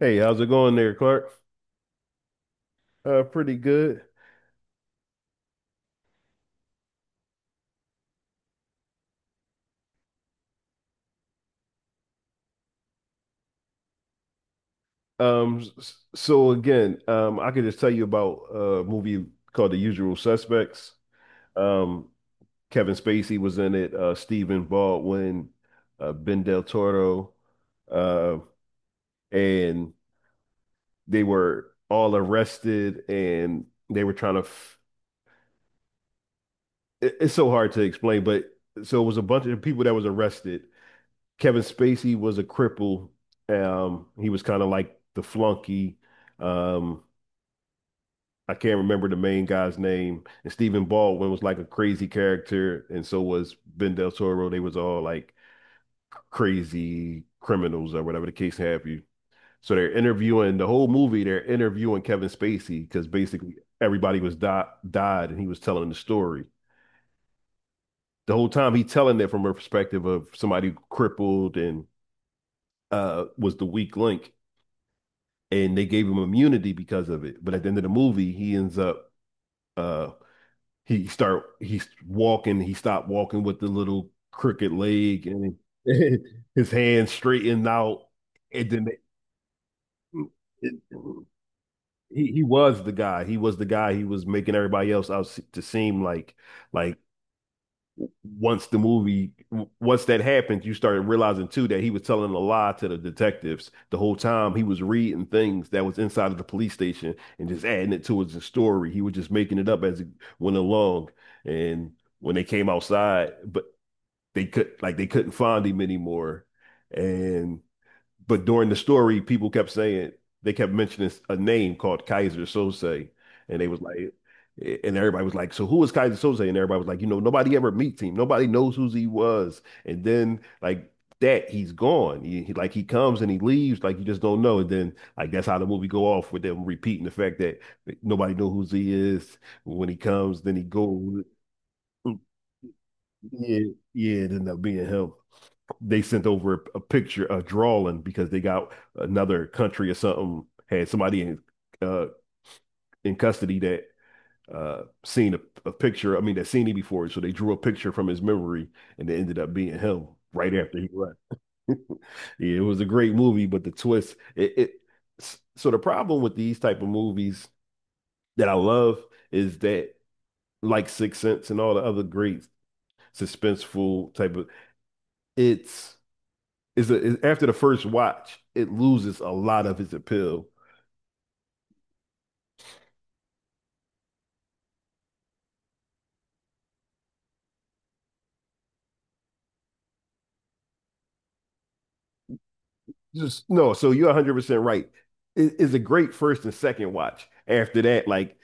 Hey, how's it going there, Clark? Pretty good. I could just tell you about a movie called The Usual Suspects. Um, Kevin Spacey was in it, Stephen Baldwin, Ben Del Toro, uh, and they were all arrested, and they were trying to. F It's so hard to explain, but so it was a bunch of people that was arrested. Kevin Spacey was a cripple. He was kind of like the flunky. Um, I can't remember the main guy's name. And Stephen Baldwin was like a crazy character, and so was Ben Del Toro. They was all like crazy criminals or whatever the case have you. So they're interviewing the whole movie. They're interviewing Kevin Spacey because basically everybody was died, and he was telling the story the whole time. He telling it from a perspective of somebody crippled and was the weak link. And they gave him immunity because of it. But at the end of the movie, he ends up uh he's walking, he stopped walking with the little crooked leg and his hand straightened out. And then it, he was the guy. He was the guy. He was making everybody else out to seem like like once the movie, once that happened, you started realizing too that he was telling a lie to the detectives the whole time. He was reading things that was inside of the police station and just adding it to his story. He was just making it up as it went along. And when they came outside, but they could, like they couldn't find him anymore. And but during the story, people kept saying, they kept mentioning a name called Kaiser Sose, and they was like, and everybody was like, so who is Kaiser Sose? And everybody was like, you know, nobody ever meets him. Nobody knows who he was. And then like that, he's gone. Like he comes and he leaves. Like you just don't know. And then like that's how the movie go off with them repeating the fact that nobody know who he is. When he comes, then he goes. Yeah, yeah. It ended up being him. They sent over a picture, a drawing, because they got another country or something had somebody uh, in custody that seen a picture. I mean, that seen him before, so they drew a picture from his memory, and it ended up being him right after he left. Yeah, it was a great movie, but the twist. It so the problem with these type of movies that I love is that, like Six Sense and all the other great suspenseful type of, it's is after the first watch, it loses a lot of its appeal. Just no, so you're 100% right. It's a great first and second watch. After that, like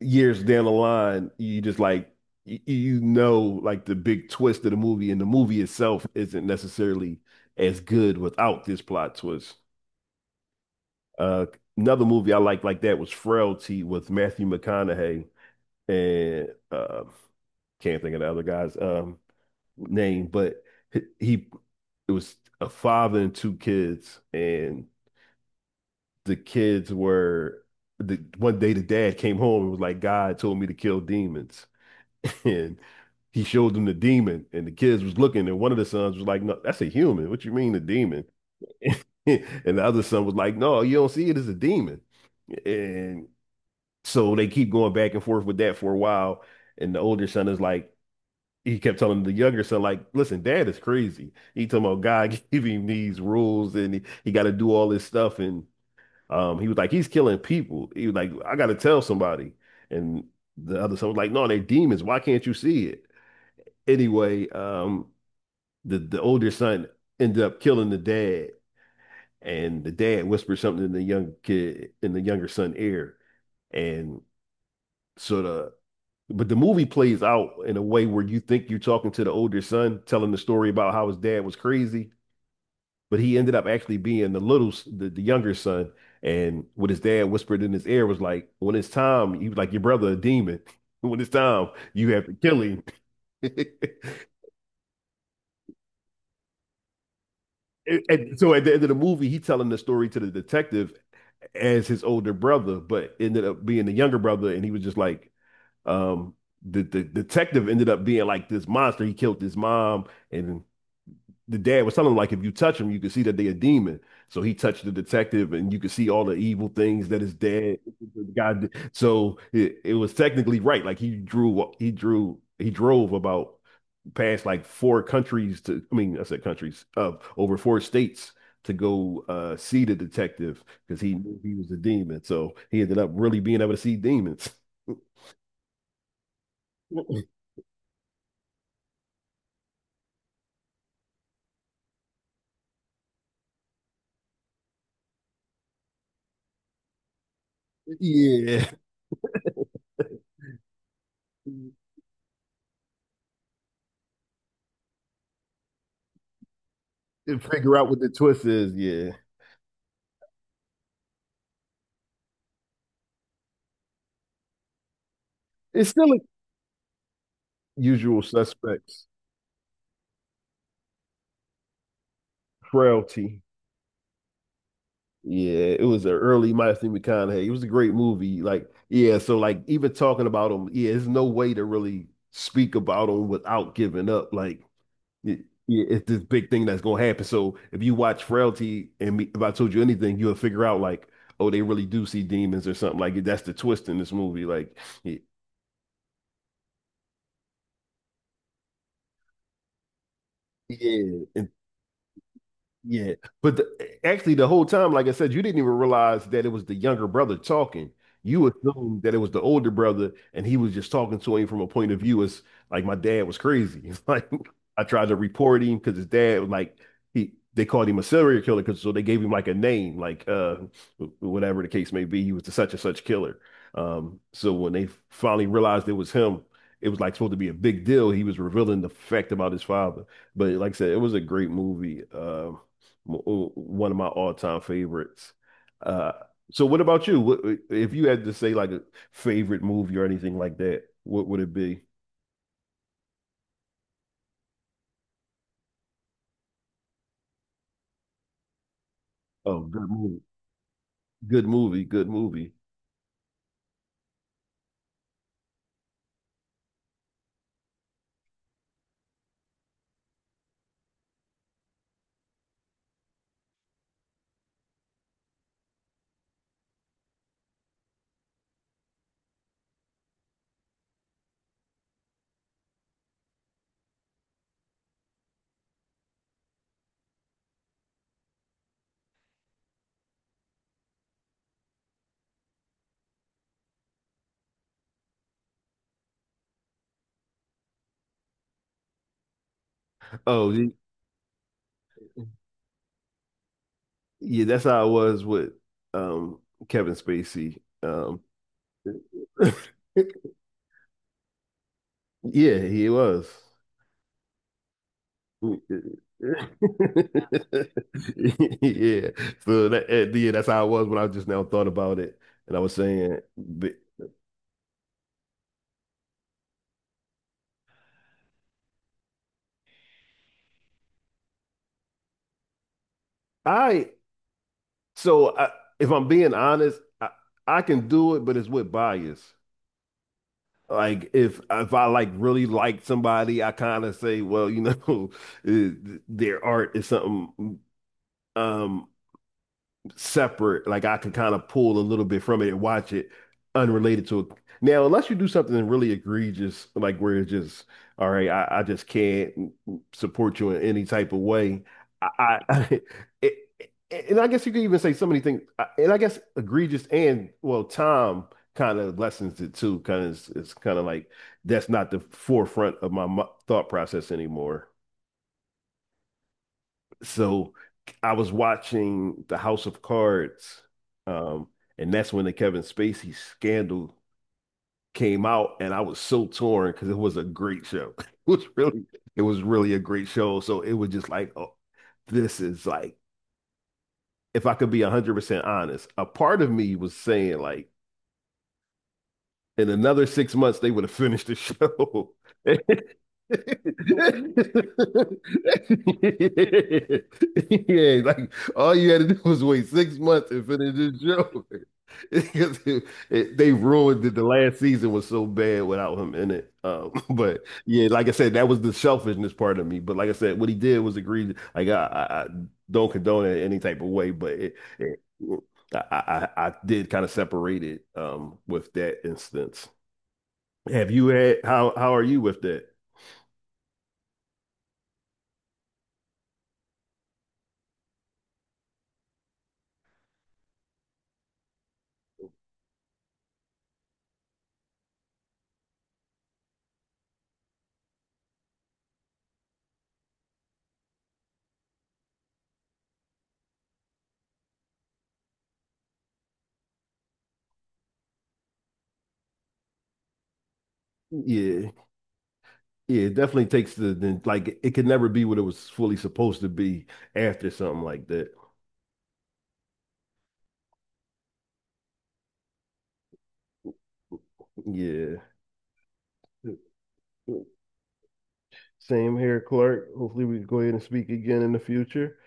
years down the line, you just like you know like the big twist of the movie, and the movie itself isn't necessarily as good without this plot twist. Uh, Another movie I liked like that was Frailty with Matthew McConaughey and can't think of the other guys. Name, but he, it was a father and two kids, and the kids were, the one day the dad came home and was like, God told me to kill demons. And he showed them the demon, and the kids was looking, and one of the sons was like, no, that's a human. What you mean a demon? And the other son was like, no, you don't see it as a demon. And so they keep going back and forth with that for a while. And the older son is like, he kept telling the younger son, like, listen, dad is crazy. He talking about God giving him these rules and he got to do all this stuff. And he was like, he's killing people. He was like, I got to tell somebody. And the other son was like, no, they're demons. Why can't you see it? Anyway, the older son ended up killing the dad. And the dad whispered something in the young kid, in the younger son ear. And sort of, but the movie plays out in a way where you think you're talking to the older son, telling the story about how his dad was crazy, but he ended up actually being the little, the younger son. And what his dad whispered in his ear was like, when it's time, he was like, your brother a demon. When it's time, you have to kill him. And so at the end of the movie, he telling the story to the detective as his older brother, but ended up being the younger brother. And he was just like, um, the detective ended up being like this monster. He killed his mom and the dad was telling him like if you touch him, you can see that they're a demon. So he touched the detective, and you could see all the evil things that his dad the guy did. So it was technically right. Like he drove about past like four countries to. I mean, I said countries of over four states to go see the detective because he knew he was a demon. So he ended up really being able to see demons. Yeah, and figure out what the twist is. Yeah, it's still a usual suspects. Frailty. Yeah, it was an early Matthew McConaughey. It was a great movie. Like, yeah, so like even talking about him, yeah, there's no way to really speak about him without giving up. Like, it, yeah, it's this big thing that's gonna happen. So if you watch Frailty and me, if I told you anything, you'll figure out like, oh, they really do see demons or something. Like that's the twist in this movie. Like, yeah, yeah. And yeah, but actually, the whole time, like I said, you didn't even realize that it was the younger brother talking. You assumed that it was the older brother, and he was just talking to him from a point of view as like my dad was crazy. It's like I tried to report him because his dad was like, he they called him a serial killer because so they gave him like a name, like whatever the case may be, he was the such and such killer. So when they finally realized it was him, it was like supposed to be a big deal. He was revealing the fact about his father. But like I said, it was a great movie. One of my all-time favorites. Uh, so what about you? What, if you had to say like a favorite movie or anything like that, what would it be? Oh, good movie. Good movie, good movie. Oh, y- yeah, that's how I was with um Kevin Spacey. Yeah, he was. Yeah. So that, yeah, that's how I was when I just now thought about it. And I was saying, but I So I, if I'm being honest, I can do it, but it's with bias. Like if I like really like somebody, I kind of say, well, you know, eh, their art is something um separate. Like I can kind of pull a little bit from it and watch it unrelated to it. Now, unless you do something really egregious, like where it's just, all right, I just can't support you in any type of way. I it, and I guess you could even say so many things, and I guess egregious and well, time kind of lessens it too. Kind of, it's kind of like that's not the forefront of my thought process anymore. So I was watching The House of Cards, um, and that's when the Kevin Spacey scandal came out, and I was so torn because it was a great show. It was really, it was really a great show. So it was just like, oh, this is like, if I could be 100% honest, a part of me was saying like, in another 6 months, they would have finished the show. Yeah, like all you had to do was wait 6 months and finish the show because they ruined it. The last season was so bad without him in it. But yeah, like I said, that was the selfishness part of me. But like I said, what he did was egregious. Like I don't condone it in any type of way, but it I did kind of separate it with that instance. Have you had how are you with that? Yeah, yeah, it definitely takes the like it could never be what it was fully supposed to be after something like that. Yeah. Same here, Clark. Hopefully we can go ahead and speak again in the future.